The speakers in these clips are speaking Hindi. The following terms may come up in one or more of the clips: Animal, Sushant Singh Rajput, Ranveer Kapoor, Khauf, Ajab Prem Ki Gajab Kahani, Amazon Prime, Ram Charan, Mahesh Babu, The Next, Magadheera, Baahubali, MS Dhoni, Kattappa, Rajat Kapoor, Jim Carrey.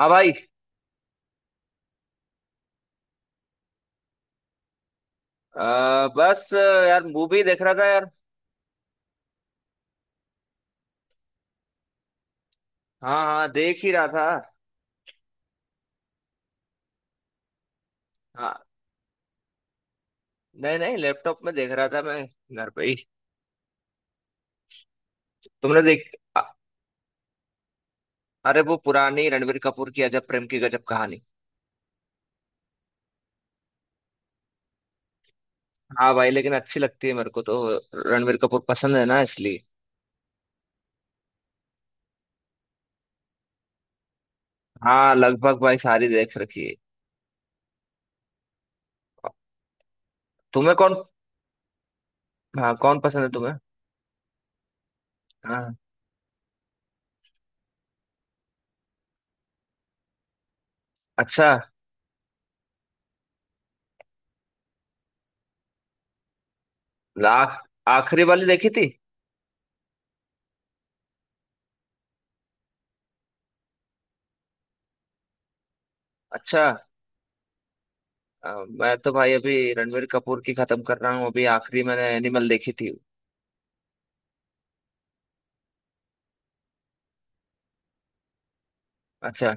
हाँ भाई। बस यार मूवी देख रहा था यार। हाँ हाँ देख ही रहा था। हाँ। नहीं नहीं लैपटॉप में देख रहा था मैं घर पे ही। तुमने देख। अ- अरे वो पुरानी रणवीर कपूर की अजब प्रेम की गजब कहानी। हाँ भाई लेकिन अच्छी लगती है मेरे को तो। रणवीर कपूर पसंद है ना इसलिए। हाँ लगभग भाई सारी देख रखी है। तुम्हें कौन? हाँ कौन पसंद है तुम्हें? हाँ। अच्छा। ला- आखिरी वाली देखी थी। अच्छा। मैं तो भाई अभी रणवीर कपूर की खत्म कर रहा हूँ। अभी आखिरी मैंने एनिमल देखी थी। अच्छा।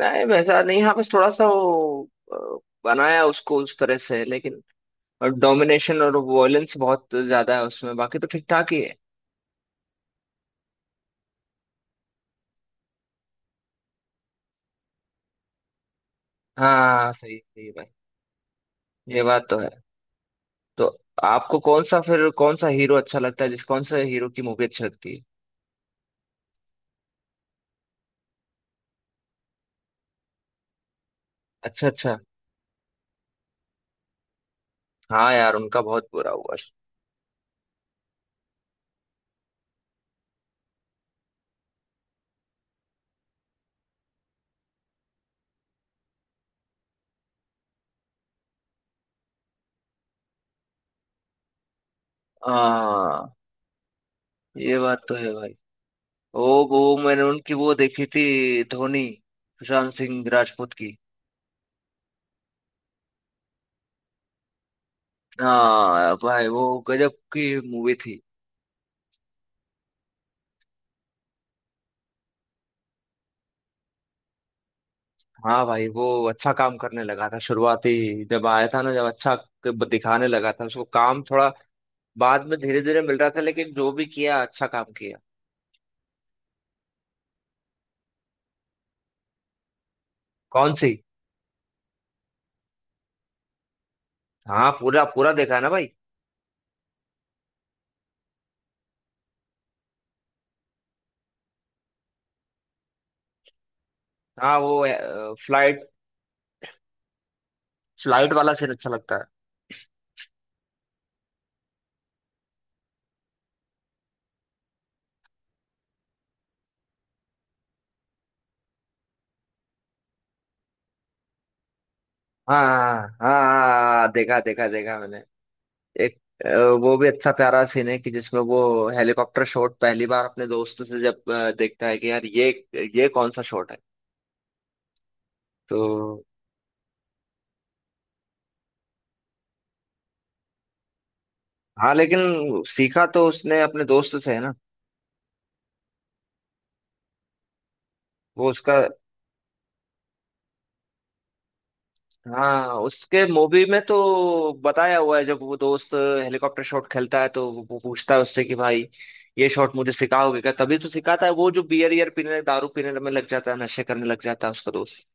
नहीं वैसा नहीं। हाँ बस थोड़ा सा वो बनाया उसको उस तरह से लेकिन। और डोमिनेशन और वॉयलेंस बहुत ज्यादा है उसमें। बाकी तो ठीक ठाक ही है। हाँ सही सही है भाई। ये बात तो है। तो आपको कौन सा फिर कौन सा हीरो अच्छा लगता है? जिस कौन सा हीरो की मूवी अच्छी लगती है? अच्छा अच्छा। हाँ यार उनका बहुत बुरा हुआ। हाँ ये बात तो है भाई। वो मैंने उनकी वो देखी थी धोनी। सुशांत सिंह राजपूत की। हाँ भाई वो गजब की मूवी थी। हाँ भाई वो अच्छा काम करने लगा था शुरुआती। जब आया था ना जब अच्छा दिखाने लगा था उसको काम थोड़ा। बाद में धीरे धीरे मिल रहा था लेकिन जो भी किया अच्छा काम किया। कौन सी? हाँ पूरा पूरा देखा है ना भाई। हाँ वो फ्लाइट फ्लाइट वाला सीन अच्छा लगता है। हाँ हाँ हाँ। हाँ, देखा देखा देखा मैंने। एक अ, वो भी अच्छा प्यारा सीन है कि जिसमें वो हेलीकॉप्टर शॉट पहली बार अपने दोस्तों से जब देखता है कि यार ये कौन सा शॉट है तो। हाँ लेकिन सीखा तो उसने अपने दोस्त से है ना। वो उसका। हाँ उसके मूवी में तो बताया हुआ है जब वो दोस्त हेलीकॉप्टर शॉट खेलता है तो वो पूछता है उससे कि भाई ये शॉट मुझे सिखाओगे क्या? तभी तो सिखाता है वो जो बियर ईयर पीने दारू पीने में लग जाता है नशे करने लग जाता है उसका दोस्त।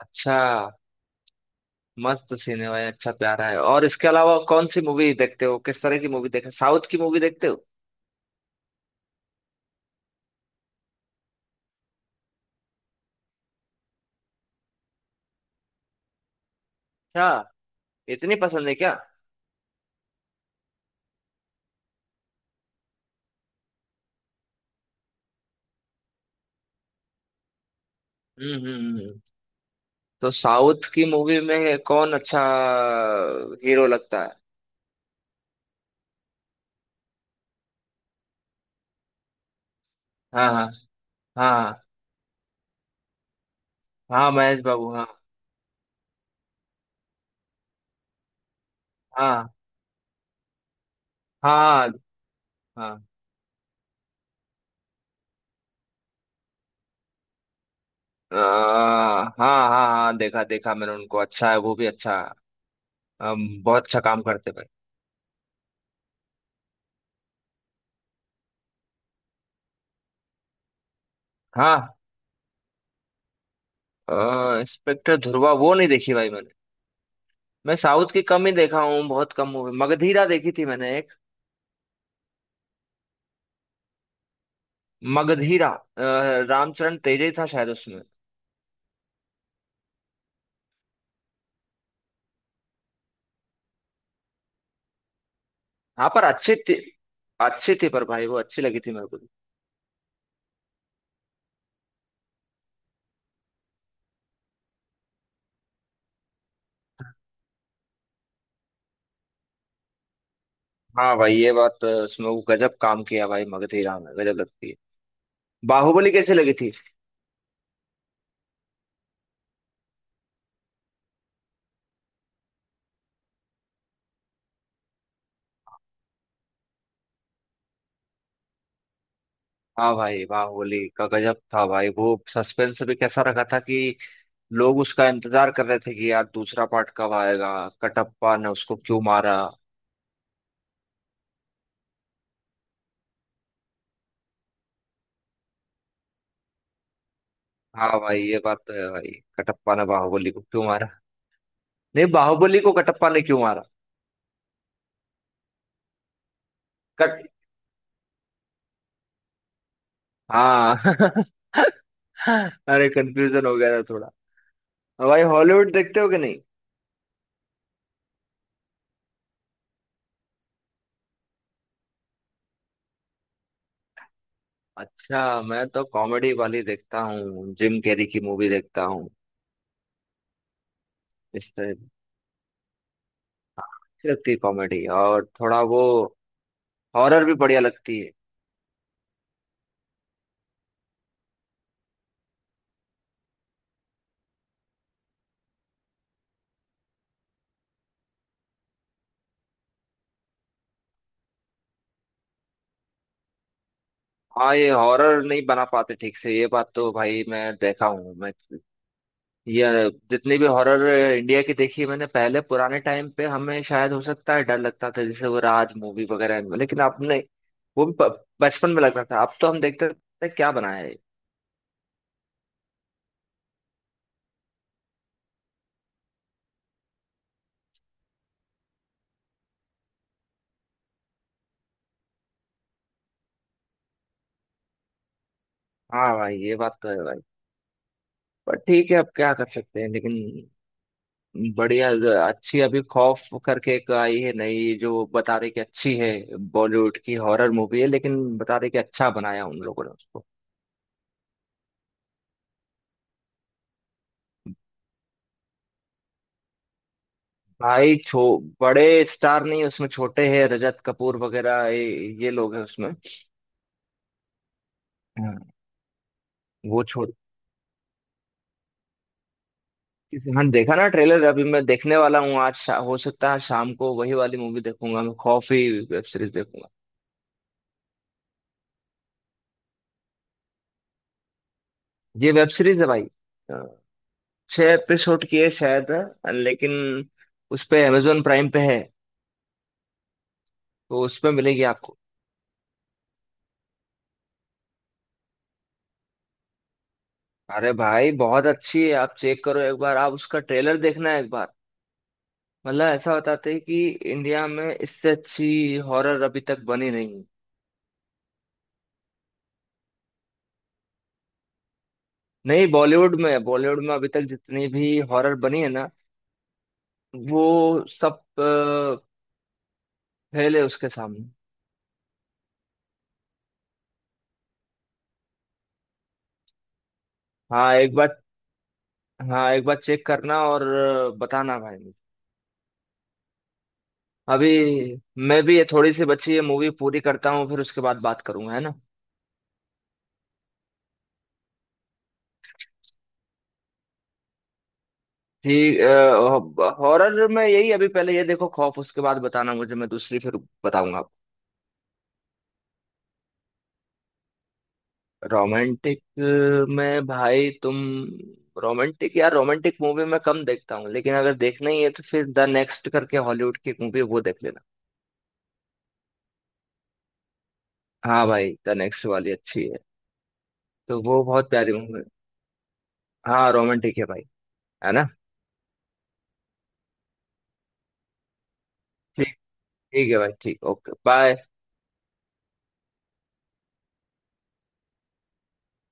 अच्छा। मस्त सीन है भाई। अच्छा प्यारा है। और इसके अलावा कौन सी मूवी देखते हो? किस तरह की मूवी देखते हो? साउथ की मूवी देखते हो? अच्छा इतनी पसंद है क्या? हम्म हम्म हम्म। तो साउथ की मूवी में कौन अच्छा हीरो लगता है? हाँ हाँ हाँ। हाँ महेश बाबू हाँ। हाँ हाँ हाँ। हाँ हाँ हाँ देखा देखा मैंने उनको। अच्छा है वो भी अच्छा। बहुत अच्छा काम करते भाई। हाँ इंस्पेक्टर ध्रुवा वो नहीं देखी भाई मैंने। मैं साउथ की कम ही देखा हूँ। बहुत कम मूवी। मगधीरा देखी थी मैंने एक। मगधीरा रामचरण तेजे था शायद उसमें। हाँ पर अच्छी थी। अच्छी थी पर भाई वो अच्छी लगी थी मेरे को। हाँ भाई ये बात इसमें वो गजब काम किया भाई मगध राम ने। गजब लगती है। बाहुबली कैसे लगी थी? हाँ भाई बाहुबली का गजब था भाई। वो सस्पेंस भी कैसा रखा था कि लोग उसका इंतजार कर रहे थे कि यार दूसरा पार्ट कब आएगा? कटप्पा ने उसको क्यों मारा? हाँ भाई ये बात तो है भाई। कटप्पा ने बाहुबली को क्यों मारा? नहीं, बाहुबली को कटप्पा ने क्यों मारा? कट हाँ अरे कंफ्यूजन हो गया था थोड़ा। भाई हॉलीवुड देखते हो कि नहीं? अच्छा मैं तो कॉमेडी वाली देखता हूँ। जिम कैरी की मूवी देखता हूँ। इससे अच्छी लगती है कॉमेडी। और थोड़ा वो हॉरर भी बढ़िया लगती है। हाँ ये हॉरर नहीं बना पाते ठीक से। ये बात तो भाई मैं देखा हूँ मैं। ये जितनी भी हॉरर इंडिया की देखी है मैंने पहले पुराने टाइम पे हमें शायद हो सकता है डर लगता था जैसे वो राज मूवी वगैरह में। लेकिन आपने वो भी बचपन में लग रहा था। अब तो हम देखते थे क्या बनाया है। हाँ भाई ये बात तो है भाई। पर ठीक है अब क्या कर सकते हैं लेकिन। बढ़िया। अच्छी अभी खौफ करके एक आई है नई जो बता रही कि अच्छी है। बॉलीवुड की हॉरर मूवी है लेकिन बता रही कि अच्छा बनाया उन लोगों ने उसको। भाई छो बड़े स्टार नहीं उसमें छोटे हैं रजत कपूर वगैरह ये लोग हैं उसमें। हाँ, वो छोड़। हाँ देखा ना ट्रेलर। अभी मैं देखने वाला हूँ आज। हो सकता है शाम को वही वाली मूवी देखूंगा। मैं खौफ ही वेब सीरीज देखूंगा। ये वेब सीरीज है भाई। अ, 6 एपिसोड की है शायद। लेकिन उस पे अमेजोन प्राइम पे है तो उसमें मिलेगी आपको। अरे भाई बहुत अच्छी है। आप चेक करो एक बार। आप उसका ट्रेलर देखना एक बार। मतलब ऐसा बताते हैं कि इंडिया में इससे अच्छी हॉरर अभी तक बनी नहीं। नहीं बॉलीवुड में बॉलीवुड में अभी तक जितनी भी हॉरर बनी है ना वो सब फेल है उसके सामने। हाँ एक बार। हाँ एक बार चेक करना और बताना भाई मुझे। अभी मैं भी ये थोड़ी सी बची है मूवी पूरी करता हूँ फिर उसके बाद बात करूंगा है ना। ठीक। हॉरर में यही अभी पहले ये देखो खौफ। उसके बाद बताना मुझे। मैं दूसरी फिर बताऊंगा आपको। रोमांटिक में भाई तुम। रोमांटिक यार रोमांटिक मूवी मैं कम देखता हूँ। लेकिन अगर देखना ही है तो फिर द नेक्स्ट करके हॉलीवुड की मूवी है, वो देख लेना। हाँ भाई द नेक्स्ट वाली अच्छी है। तो वो बहुत प्यारी मूवी है। हाँ रोमांटिक है भाई। है ना। ठीक। ठीक है भाई। ठीक ओके बाय।